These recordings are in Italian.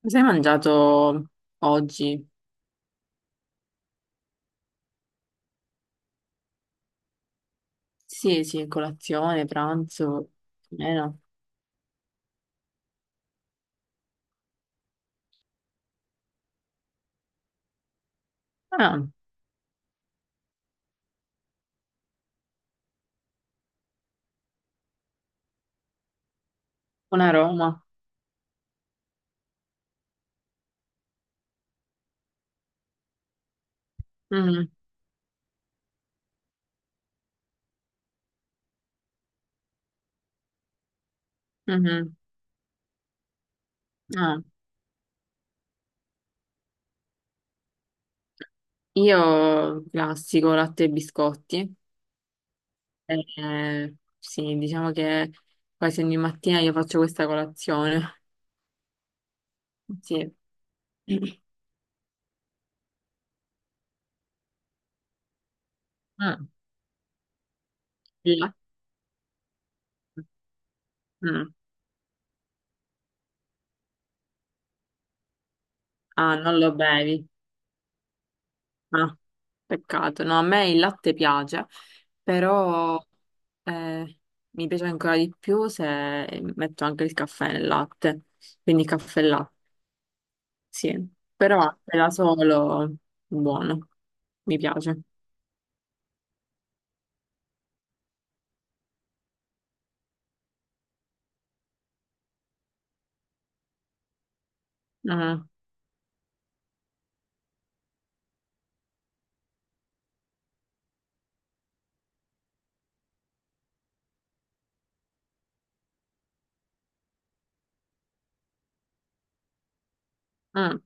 Cosa hai mangiato oggi? Sì, sì, colazione, pranzo, più o meno. Ah, un aroma. Mm, mhm. Ah, io classico latte e biscotti. Sì, diciamo che quasi ogni mattina io faccio questa colazione. Sì. Mm, il latte. Mm. Ah, non lo bevi. Ah, peccato. No, a me il latte piace, però eh, mi piace ancora di più se metto anche il caffè nel latte. Quindi caffè e latte, sì. Però latte da solo, buono, mi piace. Mm, mm,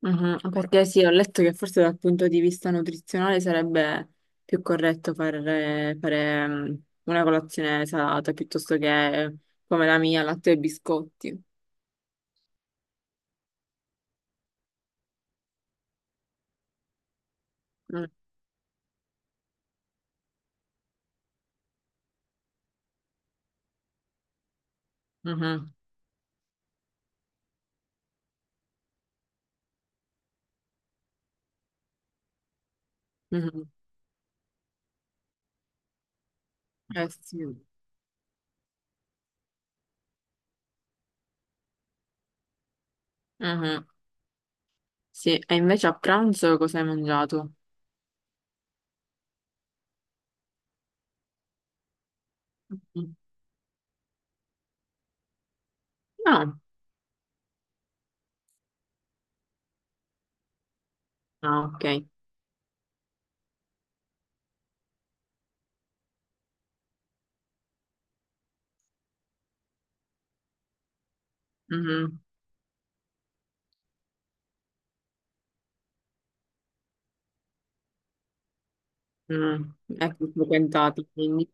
mhm. Perché sì, ho letto che forse dal punto di vista nutrizionale sarebbe più corretto fare una colazione salata piuttosto che come la mia, latte e biscotti. Mm, mhm. Mhm. Eh sì. Mhm. Sì, e invece a pranzo cosa hai mangiato? Mhm. No. Ah, ok. Mhm. Mm. Ecco, frequentati, quindi.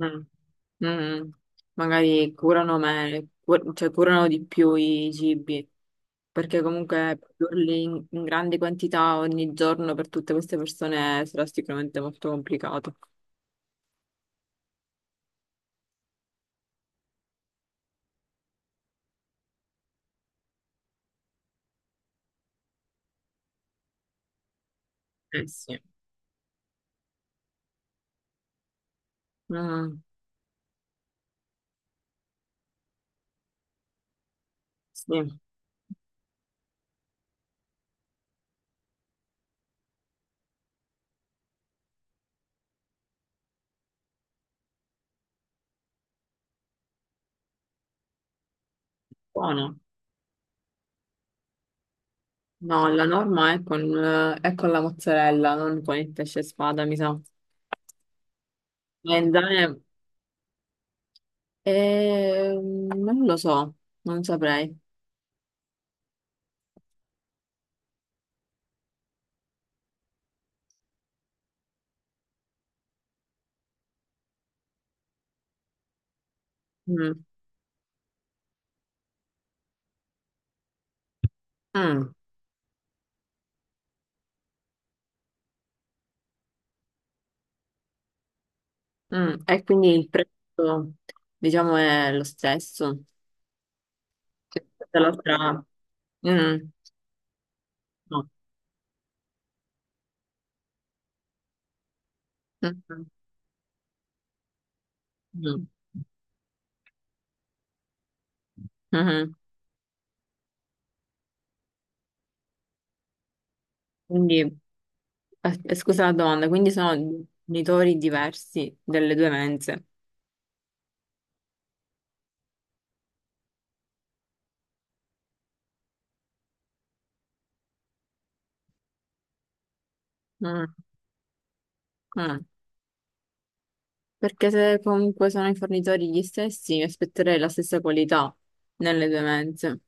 Mm. Mm. Magari curano me, cioè curano di più i cibi, perché comunque produrli in grandi quantità ogni giorno per tutte queste persone sarà sicuramente molto complicato. Eh sì. Mm. Sì, buono. No, la norma è è con la mozzarella, non con il pesce spada, mi sa. Melanzane, non lo so, non saprei. Mm, mm, mm. E quindi il prezzo, diciamo, è lo stesso. Che tutta l'altra. Mm, no. Mm, mm, mhm. Quindi, scusa la domanda, quindi sono genitori diversi delle due mense. Mm, mm. Perché se comunque sono i fornitori gli stessi, mi aspetterei la stessa qualità nelle due mense.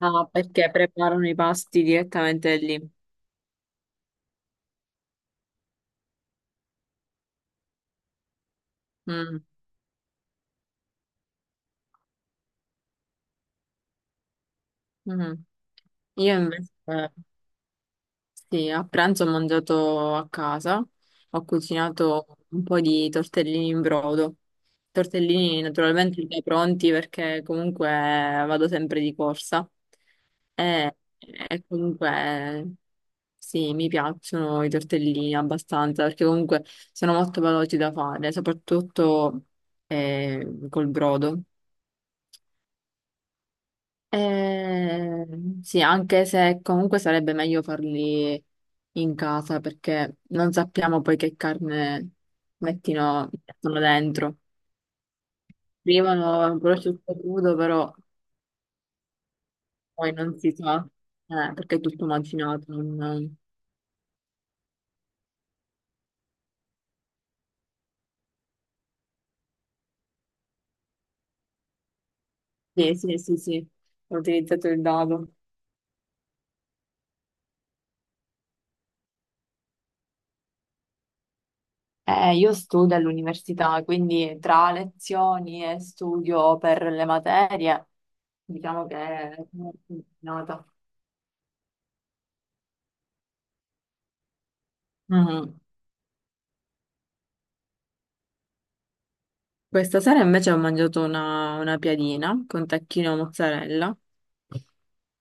Ah, perché preparano i pasti direttamente lì. Mm, mm. Io invece. Sì, a pranzo ho mangiato a casa, ho cucinato un po' di tortellini in brodo. Tortellini naturalmente già pronti perché comunque vado sempre di corsa e comunque sì, mi piacciono i tortellini abbastanza perché comunque sono molto veloci da fare, soprattutto col brodo. Eh, sì, anche se comunque sarebbe meglio farli in casa perché non sappiamo poi che carne mettono dentro. Arrivano prosciutto crudo, però poi non si sa, perché è tutto macinato. Sì, sì, sì, sì, ho utilizzato il dado. Io studio all'università, quindi tra lezioni e studio per le materie, diciamo che è molto impegnata. Mhm. Questa sera invece ho mangiato una piadina con tacchino e mozzarella,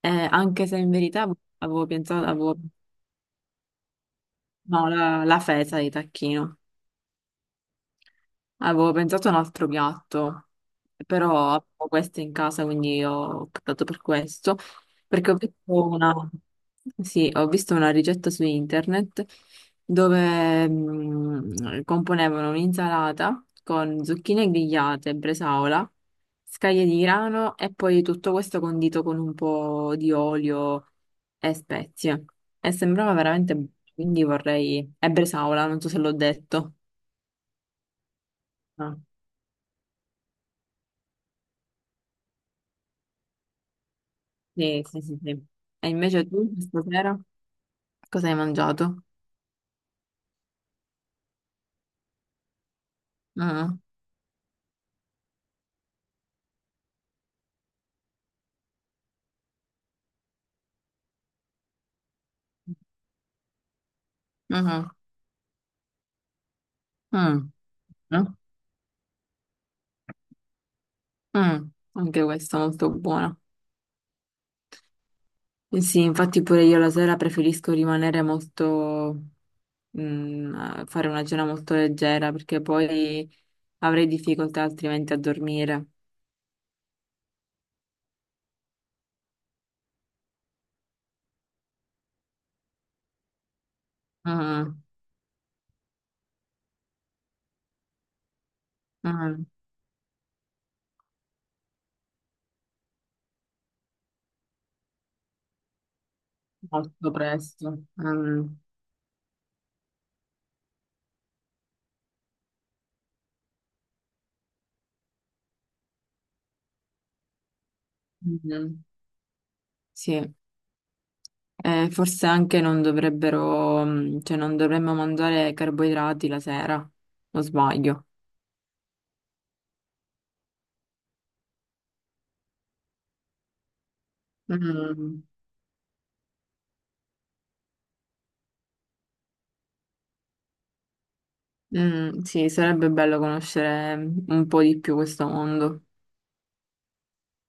anche se in verità avevo pensato, no, la fesa di tacchino. Avevo pensato a un altro piatto, però avevo questo in casa, quindi ho optato per questo, perché sì, ho visto una ricetta su internet dove componevano un'insalata con zucchine grigliate, bresaola, scaglie di grano e poi tutto questo condito con un po' di olio e spezie. E sembrava veramente, buono, quindi vorrei. E bresaola, non so se l'ho detto. No. Sì, sì, sì, sì. E invece tu stasera cosa hai mangiato? Mm, mhm, mm, mm, mm. Anche questo molto buono. Eh sì, infatti pure io la sera preferisco rimanere molto, a fare una cena molto leggera perché poi avrei difficoltà altrimenti a dormire. Mm, mm. Molto presto. Mm, mm. Sì. Forse anche non dovrebbero, cioè non dovremmo mangiare carboidrati la sera, o sbaglio? Mm, mm, sì, sarebbe bello conoscere un po' di più questo mondo.